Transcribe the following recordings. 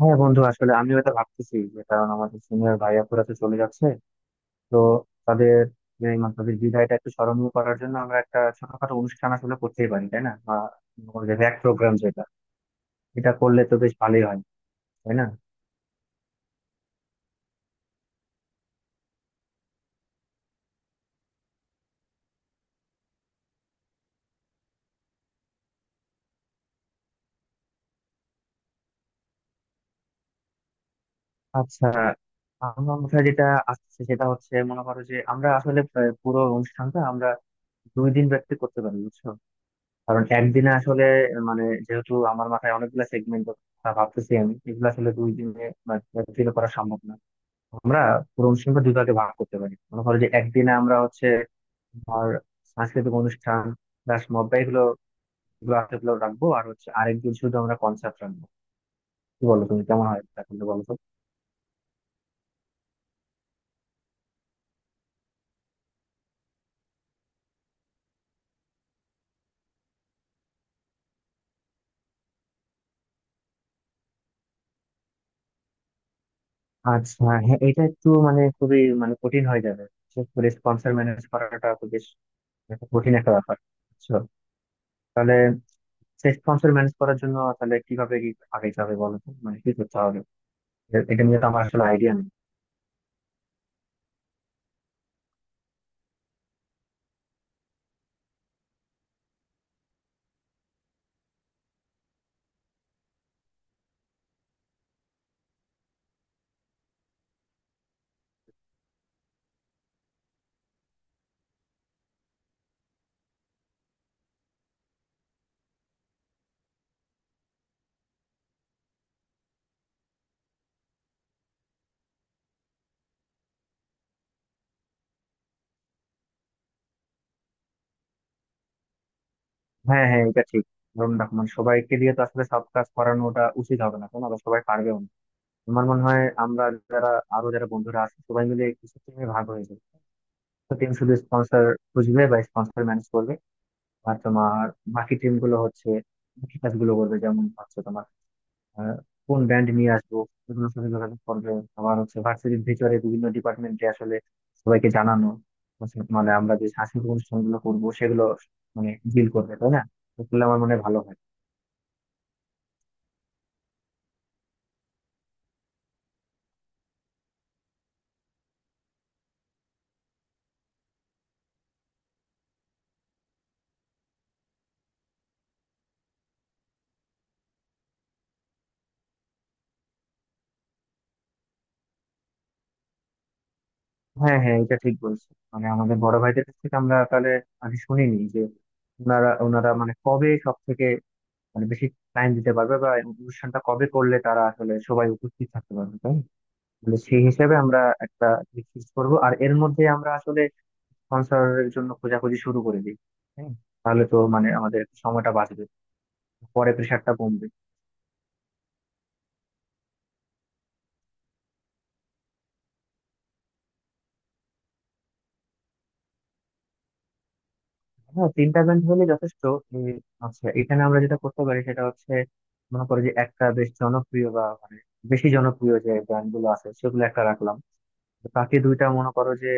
হ্যাঁ বন্ধু, আসলে আমিও এটা ভাবতেছি। যে কারণ আমাদের সিনিয়র ভাইয়া পুরা তো চলে যাচ্ছে, তো তাদের, যে মানে তাদের বিদায়টা একটু স্মরণীয় করার জন্য আমরা একটা ছোটখাটো অনুষ্ঠান আসলে করতেই পারি তাই না? বা র‍্যাক প্রোগ্রাম যেটা, এটা করলে তো বেশ ভালোই হয় তাই না? আচ্ছা, আমার মাথায় যেটা আসছে সেটা হচ্ছে, মনে করো যে আমরা আসলে প্রায় পুরো অনুষ্ঠানটা আমরা দুই দিন ব্যাপী করতে পারি, বুঝছো। কারণ একদিনে আসলে, মানে যেহেতু আমার মাথায় অনেকগুলো সেগমেন্ট, ভাবতেছি আমি এগুলো আসলে দুই দিনে ব্যাপী করা সম্ভব না। আমরা পুরো অনুষ্ঠানটা দুই ভাগে ভাগ করতে পারি। মনে করো যে একদিনে আমরা হচ্ছে, তোমার সাংস্কৃতিক অনুষ্ঠান প্লাস মব্বা এগুলো এগুলো আছে, এগুলো রাখবো আর হচ্ছে আরেকদিন শুধু আমরা কনসার্ট রাখবো। কি বলো, তুমি কেমন হয় এটা কিন্তু বলো তো। আচ্ছা হ্যাঁ, এটা একটু মানে খুবই মানে কঠিন হয়ে যাবে, বিশেষ করে স্পন্সর ম্যানেজ করাটা তো বেশ একটা কঠিন একটা ব্যাপার, বুঝছো। তাহলে সেই স্পন্সর ম্যানেজ করার জন্য তাহলে কিভাবে কি আগাইতে হবে বলো তো, মানে কি করতে হবে? এটা নিয়ে তো আমার আসলে আইডিয়া নেই। হ্যাঁ হ্যাঁ, এটা ঠিক। ধরুন দেখো, মানে সবাইকে দিয়ে তো আসলে সব কাজ করানো ওটা উচিত হবে না, কেন আবার সবাই পারবেও না। আমার মনে হয় আমরা, যারা আরো যারা বন্ধুরা আছে সবাই মিলে কিছু টিমে ভাগ হয়ে যাবে। তো টিম শুধু স্পন্সর খুঁজবে বা স্পন্সর ম্যানেজ করবে। আর তোমার বাকি টিম গুলো হচ্ছে বাকি কাজগুলো করবে। যেমন হচ্ছে তোমার আহ, কোন ব্যান্ড নিয়ে আসবো এগুলোর সাথে যোগাযোগ করবে। আবার হচ্ছে ভার্সিটির ভিতরে বিভিন্ন ডিপার্টমেন্টে আসলে সবাইকে জানানো হচ্ছে, মানে আমরা যে সাংস্কৃতিক অনুষ্ঠানগুলো করবো সেগুলো মানে ডিল করবে তাই না? এগুলো আমার মনে হয় ভালো হয়। হ্যাঁ হ্যাঁ, এটা ঠিক বলছো। মানে আমাদের বড় ভাইদের কাছ থেকে আমরা তাহলে মানে শুনিনি যে ওনারা ওনারা মানে কবে সব থেকে মানে বেশি টাইম দিতে পারবে বা অনুষ্ঠানটা কবে করলে তারা আসলে সবাই উপস্থিত থাকতে পারবে তাই না? তাহলে সেই হিসেবে আমরা একটা ফিক্স করবো আর এর মধ্যে আমরা আসলে স্পন্সরের জন্য খোঁজাখুঁজি শুরু করে দিই। হ্যাঁ, তাহলে তো মানে আমাদের সময়টা বাঁচবে, পরে প্রেশারটা কমবে। হ্যাঁ, তিনটা ব্যান্ড হলে যথেষ্ট। এই, আচ্ছা এখানে আমরা যেটা করতে পারি সেটা হচ্ছে, মনে করো যে একটা বেশ জনপ্রিয় বা মানে বেশি জনপ্রিয় যে ব্যান্ড গুলো আছে সেগুলো একটা রাখলাম। তো বাকি দুইটা মনে করো যে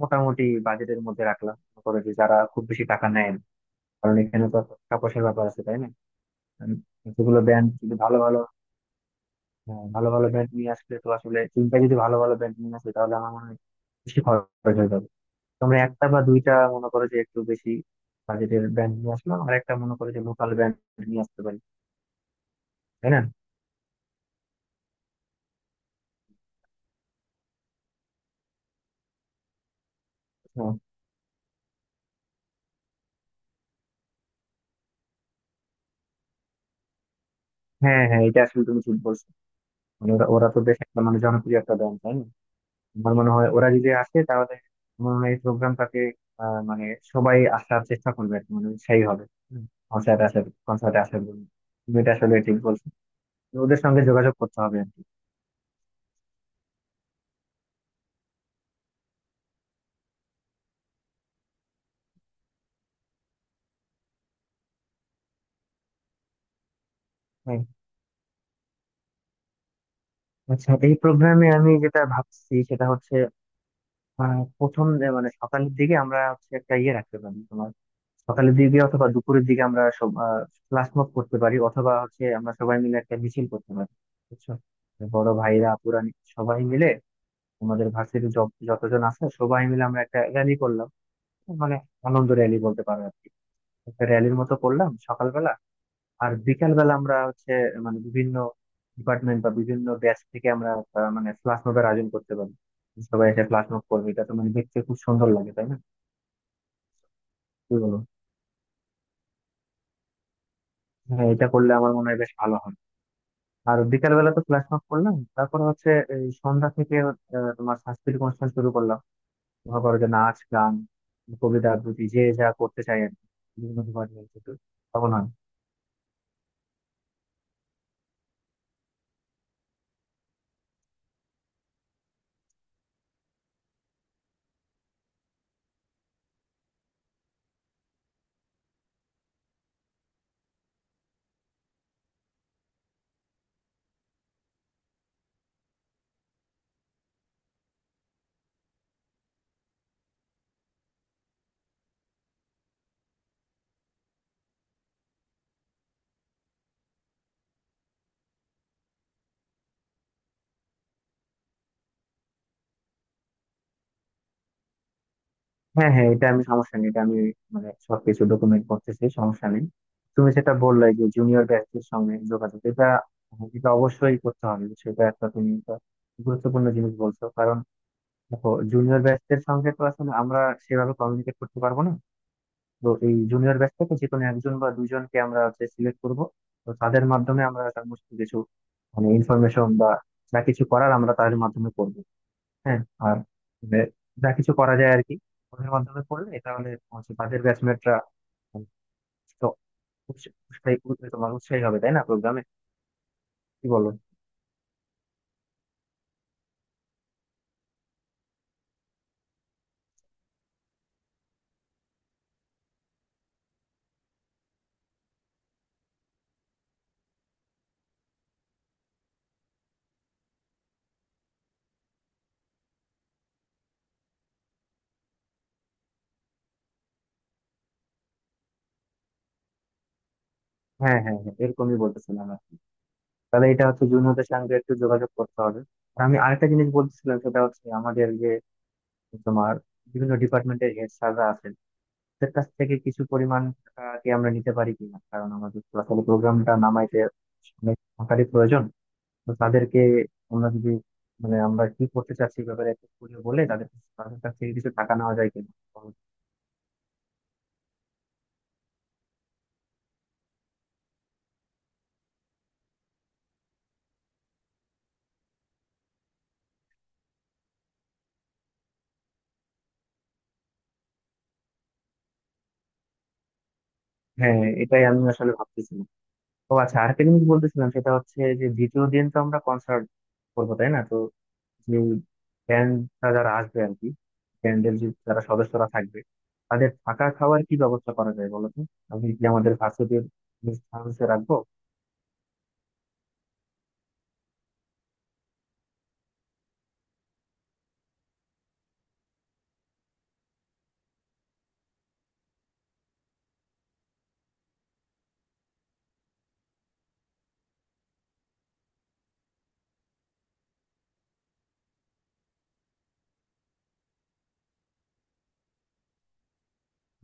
মোটামুটি বাজেটের মধ্যে রাখলাম, মনে করো যে যারা খুব বেশি টাকা নেয় না। কারণ এখানে তো একটা টাকা পয়সার ব্যাপার আছে তাই না? উম, যেগুলো ব্যান্ড যদি ভালো ভালো, হ্যাঁ, ভালো ভালো ব্যান্ড নিয়ে আসলে তো আসলে তিনটা যদি ভালো ভালো ব্যান্ড নিয়ে আসে তাহলে আমার মনে হয় বেশি খরচ হয়ে যাবে। তোমরা একটা বা দুইটা মনে করো যে একটু বেশি বাজেটের ব্র্যান্ড নিয়ে আসলাম আর একটা মনে করো যে লোকাল ব্র্যান্ড নিয়ে আসতে পারি, তাই না? হ্যাঁ হ্যাঁ হ্যাঁ, এটা আসলে তুমি ঠিক বলছো। মানে ওরা ওরা তো বেশ একটা মানে জনপ্রিয় একটা ব্র্যান্ড তাই না? আমার মনে হয় ওরা যদি আসে তাহলে, আমার মনে হয় এই প্রোগ্রামটাকে মানে সবাই আসার চেষ্টা করবে আর কি, মানে সেই হবে কনসার্ট আসার, কনসার্টে আসার জন্য। তুমি এটা আসলে ঠিক বলছো। তো ওদের সঙ্গে যোগাযোগ করতে হবে আর কি। হ্যাঁ, আচ্ছা এই প্রোগ্রামে আমি যেটা ভাবছি সেটা হচ্ছে, প্রথম যে মানে সকালের দিকে আমরা হচ্ছে একটা ইয়ে রাখতে পারি, তোমার সকালের দিকে অথবা দুপুরের দিকে আমরা সব ফ্ল্যাশ মব করতে পারি অথবা হচ্ছে আমরা সবাই মিলে একটা মিছিল করতে পারি, বুঝছো। বড় ভাইরা আপুরা সবাই মিলে আমাদের ভার্সিটি যতজন আছে সবাই মিলে আমরা একটা র্যালি করলাম, মানে আনন্দ র্যালি বলতে পারো আর কি। একটা র্যালির মতো করলাম সকালবেলা। আর বিকাল বেলা আমরা হচ্ছে মানে বিভিন্ন ডিপার্টমেন্ট বা বিভিন্ন ব্যাচ থেকে আমরা মানে ফ্ল্যাশ মবের আয়োজন করতে পারি। সবাই এসে ফ্ল্যাশ মব করবে এটা তো মানে দেখতে খুব সুন্দর লাগে তাই না? কি বলো? হ্যাঁ, এটা করলে আমার মনে হয় বেশ ভালো হয়। আর বিকাল বেলা তো ফ্ল্যাশ মব করলাম, তারপর হচ্ছে এই সন্ধ্যা থেকে তোমার সাংস্কৃতিক অনুষ্ঠান শুরু করলাম। মনে করো যে নাচ গান কবিতা আবৃত্তি যে যা করতে চাই আর কি, বিভিন্ন ডিপার্টমেন্ট থেকে, তখন হয়। হ্যাঁ হ্যাঁ, এটা আমি সমস্যা নেই। এটা আমি মানে সবকিছু ডকুমেন্ট করতেছি, সমস্যা নেই। তুমি সেটা বললে যে জুনিয়র ব্যাচদের সঙ্গে যোগাযোগ, এটা এটা অবশ্যই করতে হবে। সেটা একটা তুমি একটা গুরুত্বপূর্ণ জিনিস বলছো, কারণ দেখো জুনিয়র ব্যাচদের সঙ্গে তো আসলে আমরা সেভাবে কমিউনিকেট করতে পারবো না। তো এই জুনিয়র ব্যাচ থেকে যে কোনো একজন বা দুইজনকে আমরা হচ্ছে সিলেক্ট করবো। তো তাদের মাধ্যমে আমরা সমস্ত কিছু মানে ইনফরমেশন বা যা কিছু করার আমরা তাদের মাধ্যমে করবো। হ্যাঁ। আর মানে যা কিছু করা যায় আর কি। ওদের মাধ্যমে করলে তাহলে হচ্ছে তাদের ব্যাচমেটরা তো উৎস- উৎসাহী উৎসাহী তোমার উৎসাহী হবে তাই না, প্রোগ্রামে? কি বলো? হ্যাঁ হ্যাঁ হ্যাঁ, এরকমই বলতেছিলাম আর কি। তাহলে এটা হচ্ছে জুনিয়রদের সঙ্গে একটু যোগাযোগ করতে হবে। আর আমি আরেকটা জিনিস বলতেছিলাম সেটা হচ্ছে, আমাদের যে তোমার বিভিন্ন ডিপার্টমেন্টের হেড স্যাররা আছেন, তাদের কাছ থেকে কিছু পরিমাণ টাকা কি আমরা নিতে পারি কিনা, কারণ আমাদের আসলে প্রোগ্রামটা নামাইতে অনেক টাকারই প্রয়োজন। তো তাদেরকে আমরা যদি মানে আমরা কি করতে চাচ্ছি এই ব্যাপারে একটু খুলে বলে, তাদের তাদের কাছ থেকে কিছু টাকা নেওয়া যায় কিনা, তো। হ্যাঁ, এটাই আমি আসলে ভাবতেছিলাম। তো আচ্ছা আরেকটা জিনিস বলতেছিলাম সেটা হচ্ছে যে, দ্বিতীয় দিন তো আমরা কনসার্ট করবো তাই না? তো যে ব্যান্ডটা যারা আসবে আর কি, ব্যান্ডের যে যারা সদস্যরা থাকবে, তাদের থাকা খাওয়ার কি ব্যবস্থা করা যায় বলো তো? আমি কি আমাদের ভার্সিটির হাউসে রাখবো?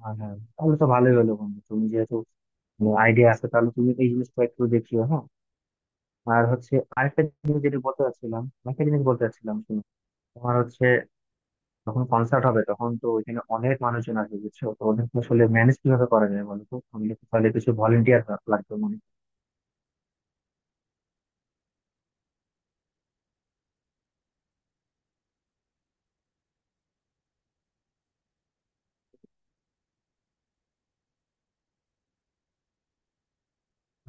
হ্যাঁ হ্যাঁ, তাহলে তো ভালোই হলো বন্ধু। তুমি যেহেতু আইডিয়া আছে তাহলে তুমি এই জিনিসটা একটু দেখিও, হ্যাঁ। আর হচ্ছে আরেকটা জিনিস যেটা বলতে চাচ্ছিলাম, একটা জিনিস বলতে চাচ্ছিলাম, শুনো। তোমার হচ্ছে যখন কনসার্ট হবে তখন তো ওইখানে অনেক মানুষজন আসবে, বুঝছো। তো ওদের তো আসলে ম্যানেজ কিভাবে করা যায় বলো তো, আমাদের তো তাহলে কিছু ভলেন্টিয়ার লাগবে মনে হয়।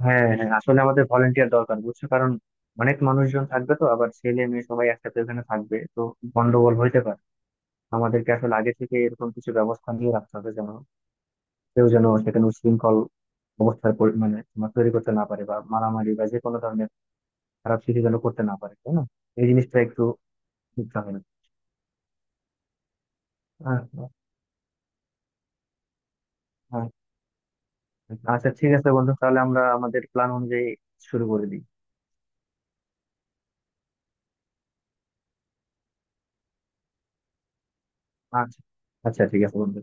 হ্যাঁ হ্যাঁ, আসলে আমাদের ভলেন্টিয়ার দরকার, বুঝছো। কারণ অনেক মানুষজন থাকবে তো আবার ছেলে মেয়ে সবাই একসাথে ওখানে থাকবে, তো গন্ডগোল হইতে পারে। আমাদেরকে আসলে আগে থেকে এরকম কিছু ব্যবস্থা নিয়ে রাখতে হবে যেন কেউ যেন সেখানে উচ্ছৃঙ্খল অবস্থার মানে তোমার তৈরি করতে না পারে বা মারামারি বা যে কোনো ধরনের খারাপ কিছু যেন করতে না পারে তাই না? এই জিনিসটা একটু বুঝতে হবে। হ্যাঁ হ্যাঁ। হ্যাঁ। আচ্ছা ঠিক আছে বন্ধু, তাহলে আমরা আমাদের প্ল্যান অনুযায়ী শুরু করে দিই। আচ্ছা। আচ্ছা ঠিক আছে বন্ধু।